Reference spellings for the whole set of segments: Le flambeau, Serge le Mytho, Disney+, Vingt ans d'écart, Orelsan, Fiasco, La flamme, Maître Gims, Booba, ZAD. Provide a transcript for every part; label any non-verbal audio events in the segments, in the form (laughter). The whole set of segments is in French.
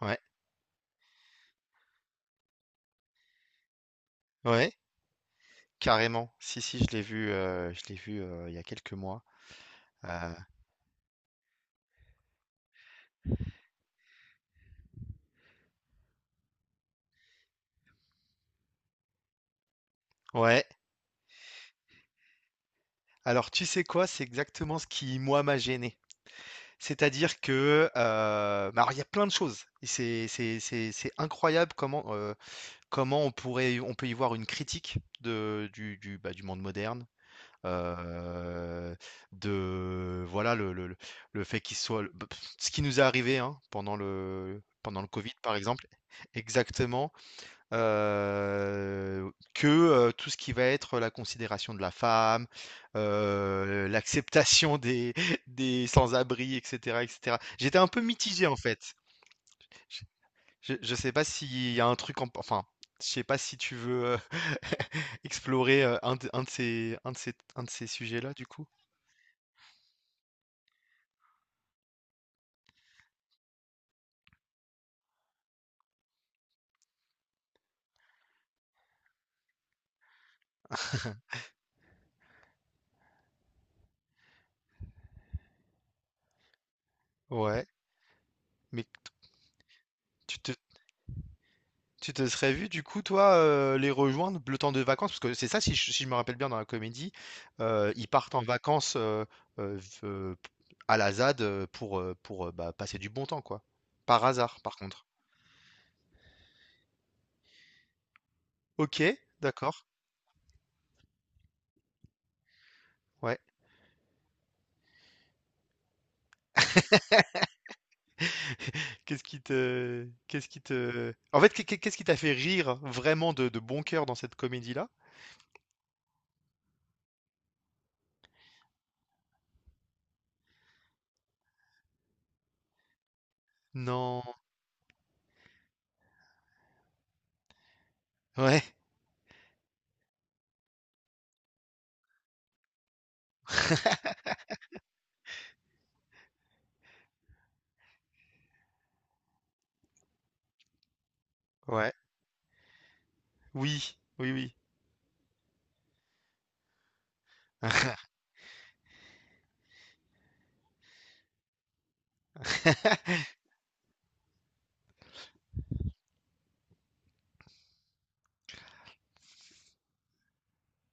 Ouais, ouais, carrément. Si, si, je l'ai vu il y a quelques mois. Euh, ouais. Alors, tu sais quoi? C'est exactement ce qui, moi, m'a gêné. C'est-à-dire que, bah, alors, il y a plein de choses. C'est incroyable comment, comment on peut y voir une critique du, bah, du monde moderne. euh, de voilà le le fait qu'il soit ce qui nous est arrivé hein, pendant le Covid par exemple. Exactement. heu, que, tout ce qui va être la considération de la femme, l'acceptation des (laughs) des sans-abri et cetera et cetera. J'étais un peu mitigé, en fait. Je je sais pas s'il y a un truc en enfin, je sais pas si tu veux, (laughs) explorer, un de ces un de ces un de ces sujets-là, du coup? Ouais, mais tu te tu te serais vu, du coup, toi, les rejoindre le temps de vacances? Parce que c'est ça, si je me rappelle bien dans la comédie, ils partent en vacances euh, v- euh, à la ZAD pour, bah, passer du bon temps, quoi. Par hasard, par contre. Ok, d'accord. Ouais. Qu'est-ce qui te, en fait, qu'est- qu'est-ce qui t'a fait rire vraiment de bon cœur dans cette comédie-là? Non. Ouais. Ouais. Oui. Oui, oui. (laughs)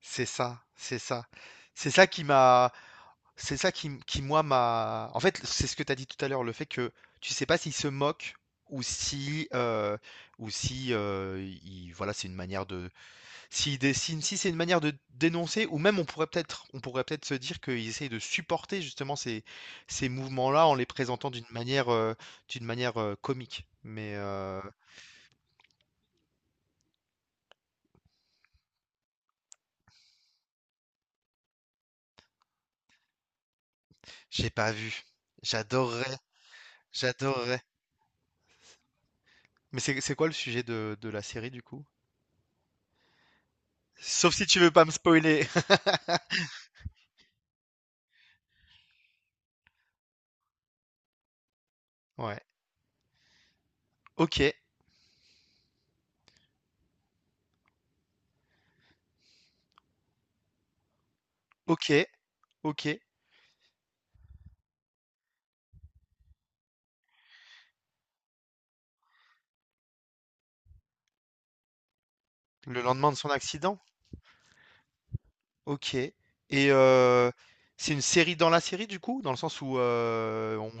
C'est ça, c'est ça. C'est ça qui m'a, c'est ça qui moi m'a. En fait, c'est ce que tu as dit tout à l'heure, le fait que tu sais pas s'il se moque ou si, euh, ou si, voilà, c'est une manière de, s'il dessine, si c'est une manière de dénoncer, ou même on pourrait peut-être se dire qu'ils essayent de supporter justement ces, ces mouvements-là en les présentant d'une manière comique. Mais j'ai pas vu. J'adorerais, j'adorerais. Mais c'est quoi le sujet de la série du coup? Sauf si tu veux pas me spoiler. (laughs) Ouais. Ok, ok, ok. Le lendemain de son accident. Ok. Et euh, c'est une série dans la série du coup, dans le sens où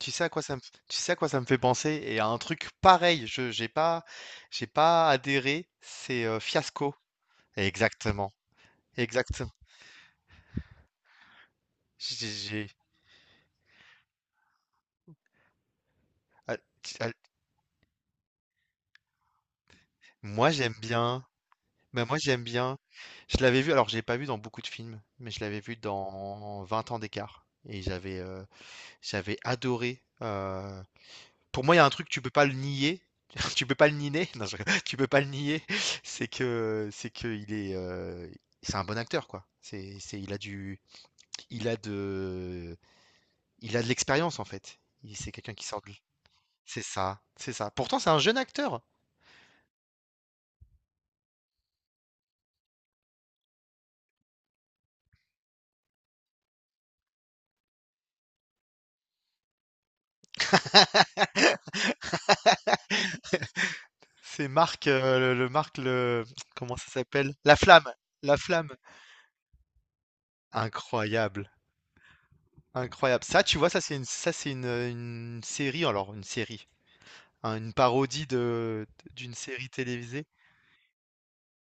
tu sais à quoi ça me, tu sais à quoi ça me fait penser et à un truc pareil. Je j'ai pas adhéré. C'est Fiasco. Exactement. Exactement. J'ai- j'ai- ah, ah, Moi j'aime bien. Bah, moi, j'aime bien. Je l'avais vu, alors j'ai pas vu dans beaucoup de films, mais je l'avais vu dans Vingt ans d'écart. Et j'avais j'avais adoré. Pour moi, il y a un truc, tu peux pas le nier. (laughs) Tu peux pas le nier. Non, je rigole. Tu peux pas le nier. (laughs) C'est que il est c'est un bon acteur quoi. C'est il a du il a de il a de l'expérience en fait. C'est quelqu'un qui sort de C'est ça, c'est ça. Pourtant, c'est un jeune acteur. (laughs) C'est Marc, le Marc, le, comment ça s'appelle? La flamme, la flamme. Incroyable, incroyable. Ça, tu vois, une série, alors une série, hein, une parodie de d'une série télévisée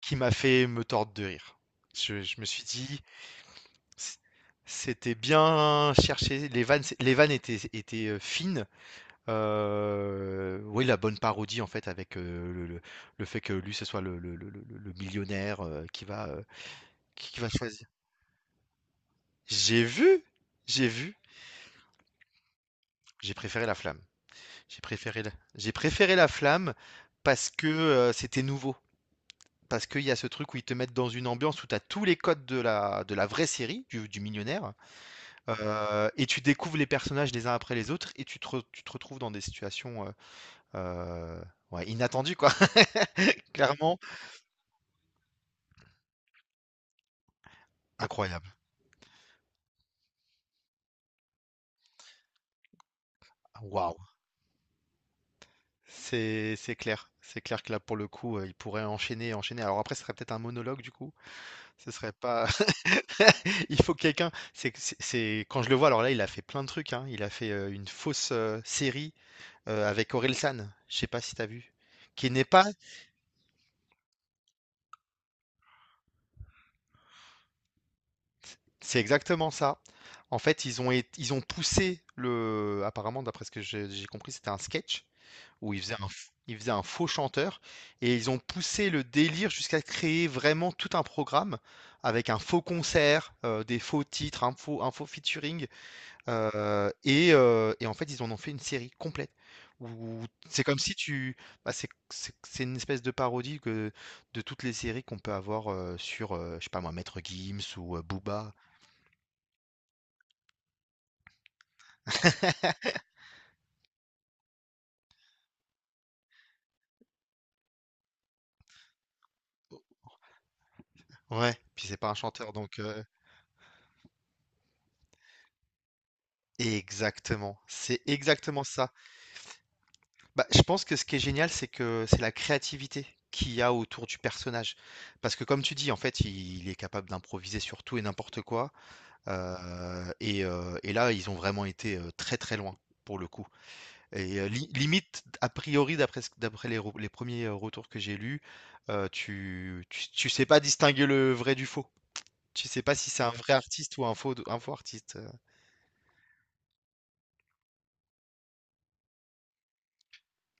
qui m'a fait me tordre de rire. Je me suis dit, c- c'était bien cherché. Les vannes étaient, étaient fines. Oui, la bonne parodie en fait, avec le fait que lui ce soit le millionnaire qui va choisir. J'ai vu, j'ai vu, j'ai préféré la flamme. J'ai préféré la flamme parce que c'était nouveau. Parce qu'il y a ce truc où ils te mettent dans une ambiance où tu as tous les codes de la vraie série, du millionnaire, et tu découvres les personnages les uns après les autres, et tu te retrouves dans des situations euh, ouais, inattendues, quoi. (laughs) Clairement, incroyable. Waouh. C'est clair. C'est clair que là, pour le coup, il pourrait enchaîner, enchaîner. Alors après, ce serait peut-être un monologue, du coup. Ce serait pas, (laughs) il faut quelqu'un, c'est quand je le vois, alors là, il a fait plein de trucs, hein. Il a fait, une fausse, série, avec Orelsan, je sais pas si t'as vu? Qui n'est pas c'est exactement ça. En fait, ils ont poussé le apparemment, d'après ce que je j'ai compris, c'était un sketch où il faisait un faux chanteur et ils ont poussé le délire jusqu'à créer vraiment tout un programme avec un faux concert, des faux titres, un faux featuring. Et en fait, ils en ont fait une série complète où c'est comme si tu bah, c'est c'est une espèce de parodie que de toutes les séries qu'on peut avoir, sur, je sais pas moi, Maître Gims ou, Booba. Ouais, puis c'est pas un chanteur donc exactement, c'est exactement ça. Bah, je pense que ce qui est génial, c'est que c'est la créativité qu'il y a autour du personnage. Parce que comme tu dis, en fait, il est capable d'improviser sur tout et n'importe quoi. Et là, ils ont vraiment été, très, très loin, pour le coup et li limite, a priori, d'après les premiers, retours que j'ai lus, tu sais pas distinguer le vrai du faux. Tu sais pas si c'est un ouais, vrai artiste ou un faux artiste.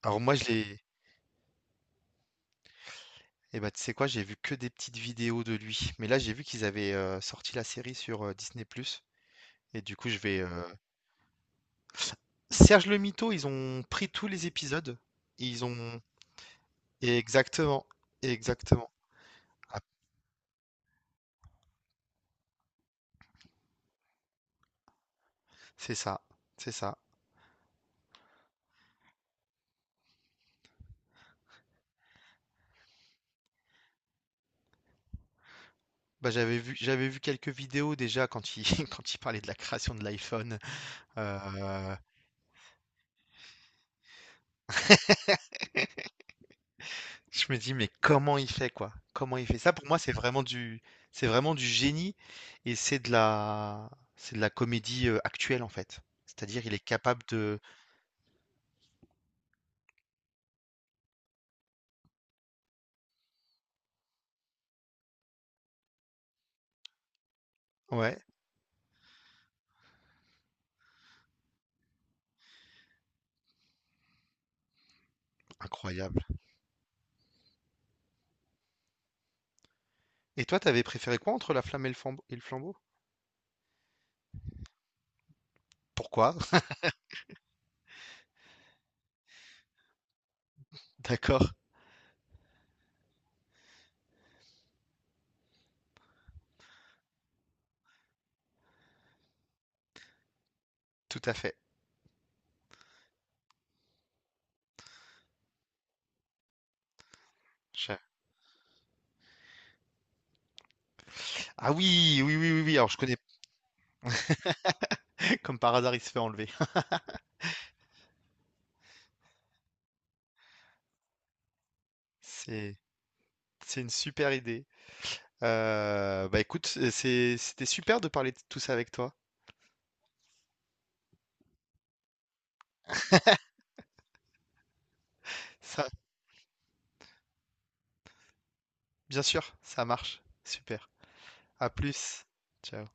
Alors moi, je l'ai eh ben, tu sais quoi? J'ai vu que des petites vidéos de lui, mais là, j'ai vu qu'ils avaient, sorti la série sur, Disney+ et du coup, je vais, Serge le Mytho, ils ont pris tous les épisodes, ils ont exactement, exactement. C'est ça, c'est ça. Bah, j'avais vu quelques vidéos déjà quand il, (laughs) quand il parlait de la création de l'iPhone. Euh, je me dis, mais comment il fait quoi? Comment il fait ça? Pour moi, c'est vraiment c'est vraiment du génie et c'est c'est de la comédie actuelle en fait. C'est-à-dire, il est capable de, ouais, incroyable. Et toi, t'avais préféré quoi entre la flamme et le flambeau? Pourquoi? (laughs) D'accord, tout à fait. Je- Ah oui, oui, oui, oui, oui. Alors, je connais, (laughs) comme par hasard, il se fait enlever. (laughs) C'est, c'est une super idée. Bah, écoute, c'était super de parler de tout ça avec toi. Ça bien sûr, ça marche. Super. À plus. Ciao.